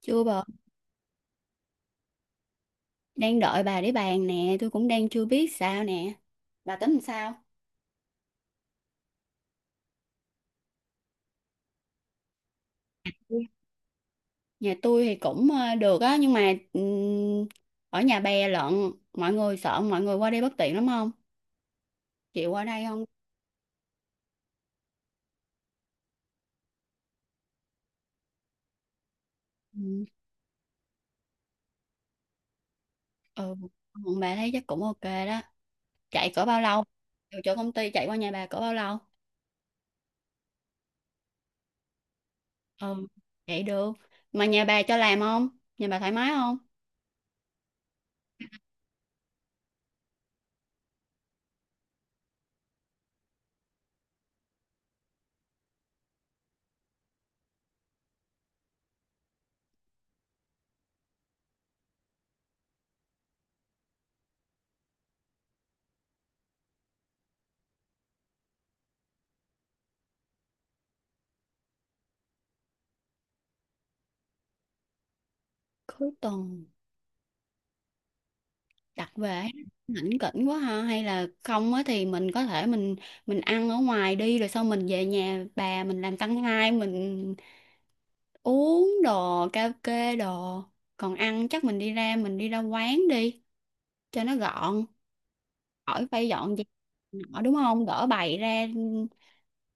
Chưa bà, đang đợi bà để bàn nè. Tôi cũng đang chưa biết sao nè. Bà tính làm sao? Nhà tôi thì cũng được á, nhưng mà ở nhà bè lận, mọi người sợ mọi người qua đây bất tiện lắm không? Chịu qua đây không? Ừm. Ừ, còn bà thấy chắc cũng ok đó. Chạy cỡ bao lâu? Từ chỗ công ty chạy qua nhà bà cỡ bao lâu? Ừ, vậy được. Mà nhà bà cho làm không? Nhà bà thoải mái không? Cuối tuần. Đặt về hãnh kỉnh quá ha, hay là không á thì mình có thể mình ăn ở ngoài đi, rồi sau mình về nhà bà mình làm tăng hai, mình uống đồ karaoke đồ. Còn ăn chắc mình đi ra quán đi cho nó gọn, khỏi phải dọn dẹp nọ, đúng không, gỡ bày ra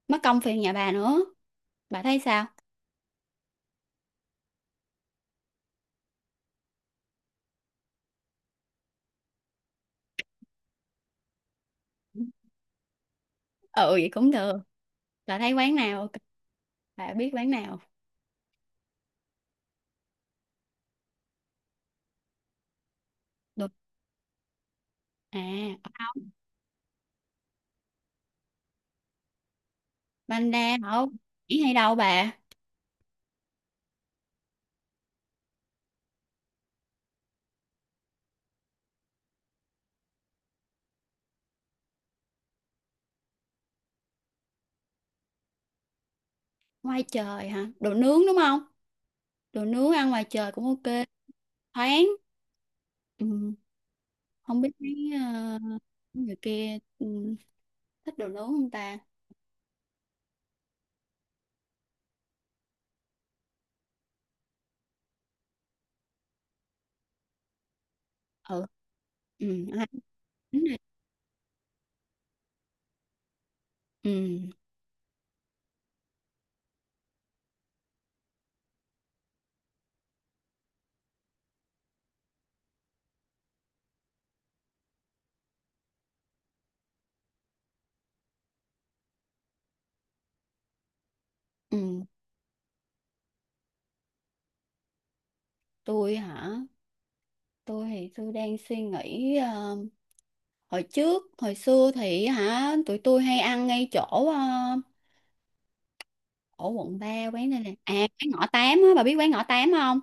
mất công phiền nhà bà nữa. Bà thấy sao? Ừ, vậy cũng được. Bà thấy quán nào ok? Bà biết quán nào được? À, ở đâu? Banh đa ở hay đâu bà? Ngoài trời hả? Đồ nướng đúng không? Đồ nướng ăn ngoài trời cũng ok. Thoáng. Ừ. Không biết mấy người kia thích đồ nướng không ta? Ừ. Ừ, ăn bánh này. Ừ. Ừ. Tôi hả? Tôi thì tôi đang suy nghĩ, hồi trước, hồi xưa thì hả? Tụi tôi hay ăn ngay chỗ ờ, ở quận 3, quán này nè. À, quán ngõ 8 á, bà biết quán ngõ 8 không?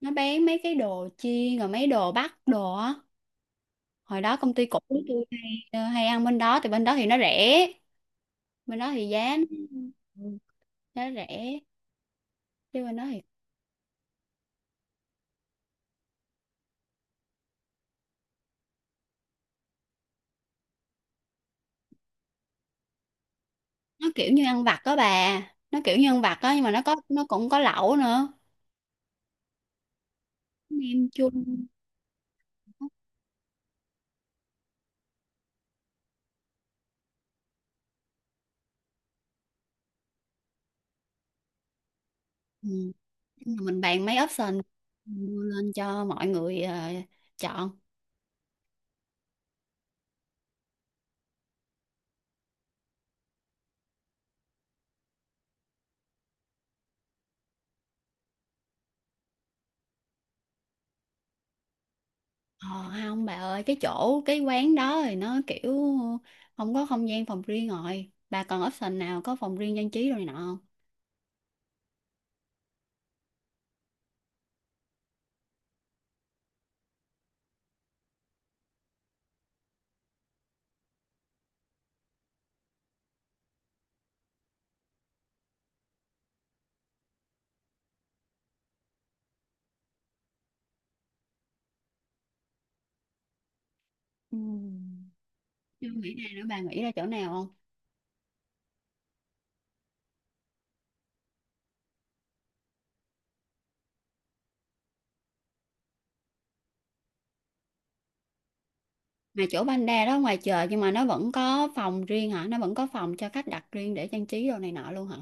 Nó bán mấy cái đồ chiên rồi mấy đồ bắc đồ á. Hồi đó công ty cũ của tôi hay, hay ăn bên đó, thì bên đó thì nó rẻ, bên đó thì giá nó rẻ. Chứ bên đó thì nó kiểu như ăn vặt đó bà, nó kiểu như ăn vặt đó nhưng mà nó cũng có lẩu nữa, nem chua. Ừ. Mình bàn mấy option đưa lên cho mọi người chọn. ờ, Không bà ơi, cái chỗ cái quán đó thì nó kiểu không có không gian phòng riêng. Rồi bà còn option nào có phòng riêng trang trí rồi này nọ không? Ừ. Chưa nghĩ ra nữa, bà nghĩ ra chỗ nào không? Mà chỗ Panda đó ngoài chợ nhưng mà nó vẫn có phòng riêng hả? Nó vẫn có phòng cho khách đặt riêng để trang trí đồ này nọ luôn hả?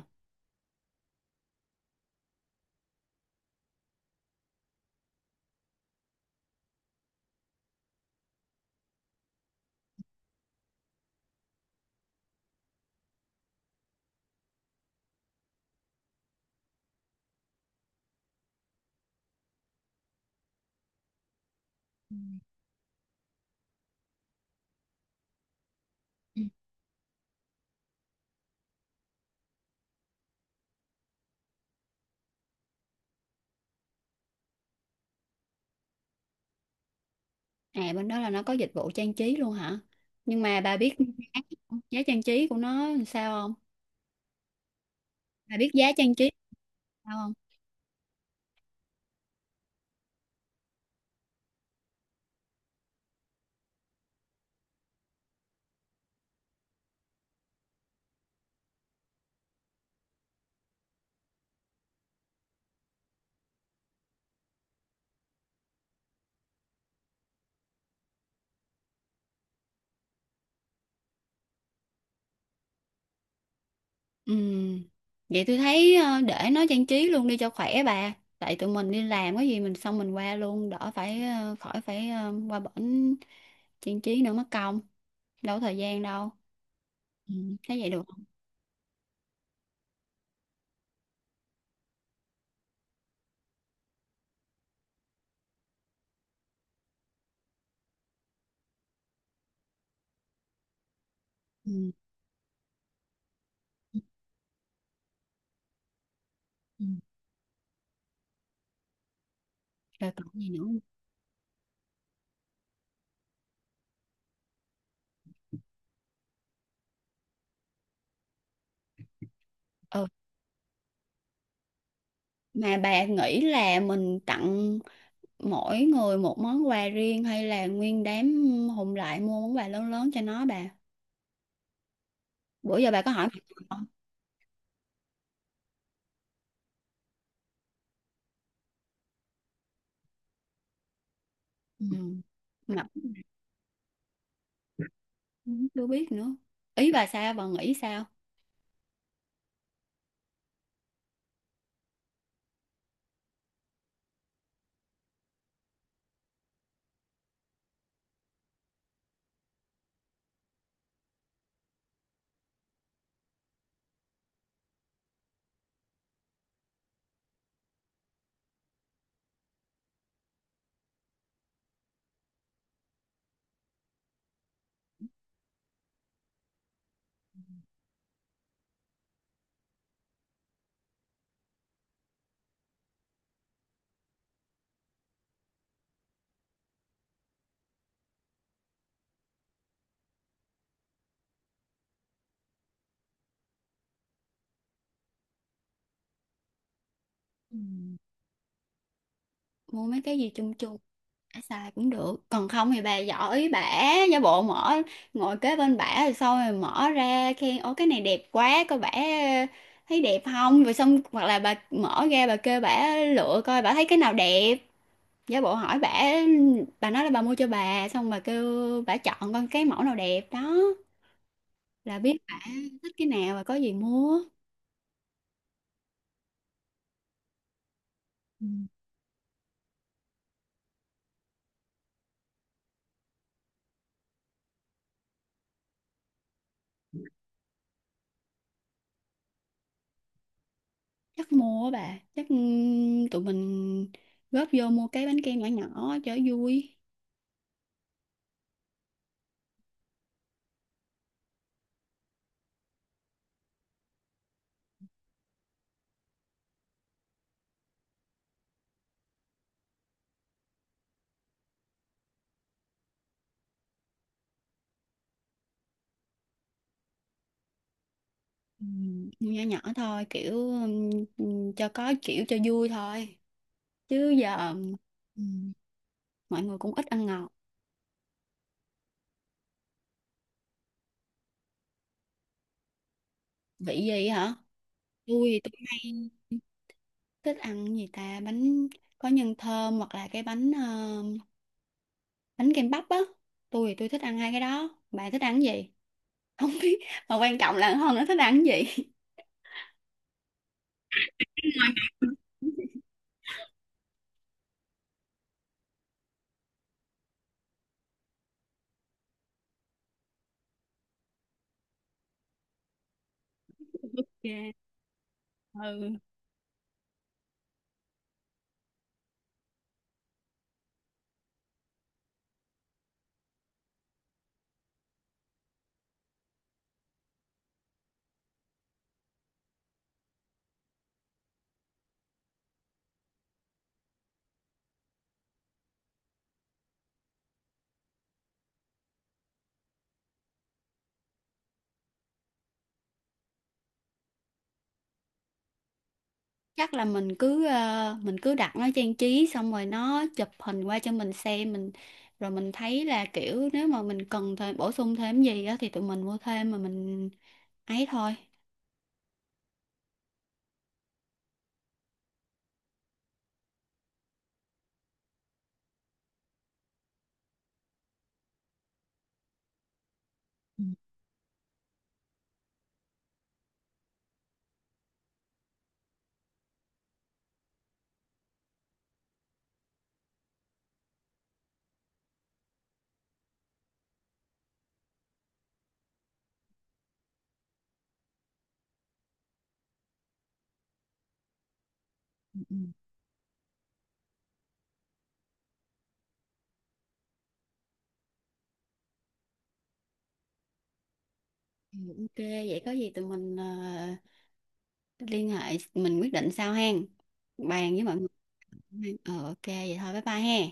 Ừ. À, bên đó là nó có dịch vụ trang trí luôn hả? Nhưng mà bà biết giá, giá trang trí của nó làm sao không? Bà biết giá trang trí sao không? Ừ, vậy tôi thấy để nó trang trí luôn đi cho khỏe bà. Tại tụi mình đi làm có gì mình xong mình qua luôn, đỡ phải khỏi phải qua bển trang trí nữa mất công, đâu có thời gian đâu. Ừ, thấy vậy được không? Ừ. Ừ. Rồi còn gì nữa không? Ờ, mà bà nghĩ là mình tặng mỗi người một món quà riêng, hay là nguyên đám hùng lại mua món quà lớn lớn cho nó bà? Bữa giờ bà có hỏi mặt người không? Ừ. Mặt cũng chưa biết nữa. Ý bà sao? Bà nghĩ sao? Ừ. Mua mấy cái gì chung chung? Bả xài cũng được, còn không thì bà giỏi bả, giả bộ mở, ngồi kế bên bả rồi xong rồi mở ra khen, ô cái này đẹp quá coi bả thấy đẹp không, rồi xong. Hoặc là bà mở ra bà kêu bả lựa coi bả thấy cái nào đẹp, giả bộ hỏi bả, bà nói là bà mua cho bà xong bà kêu bả chọn con cái mẫu nào đẹp đó, là biết bả thích cái nào và có gì mua. Chắc mua á bà, chắc tụi mình góp vô mua cái bánh kem nhỏ nhỏ cho vui. Ừ, nhỏ nhỏ thôi, kiểu ừ, cho có kiểu cho vui thôi, chứ giờ ừ, mọi người cũng ít ăn ngọt. Vị gì hả? Tôi hay thích ăn gì ta, bánh có nhân thơm, hoặc là cái bánh bánh kem bắp á. Tôi thì tôi thích ăn hai cái đó, bà thích ăn cái gì? Không biết, mà quan trọng là hơn nó thích ăn cái gì. Yeah. Ừ. Chắc là mình cứ mình cứ đặt nó trang trí xong rồi nó chụp hình qua cho mình xem mình, rồi mình thấy là kiểu nếu mà mình cần thêm bổ sung thêm gì á thì tụi mình mua thêm, mà mình ấy thôi. Ừ, ừ. Ừ, ok, vậy có gì tụi mình liên hệ, mình quyết định sau hen, bàn với mọi người. Ờ, ok, vậy thôi, bye bye he.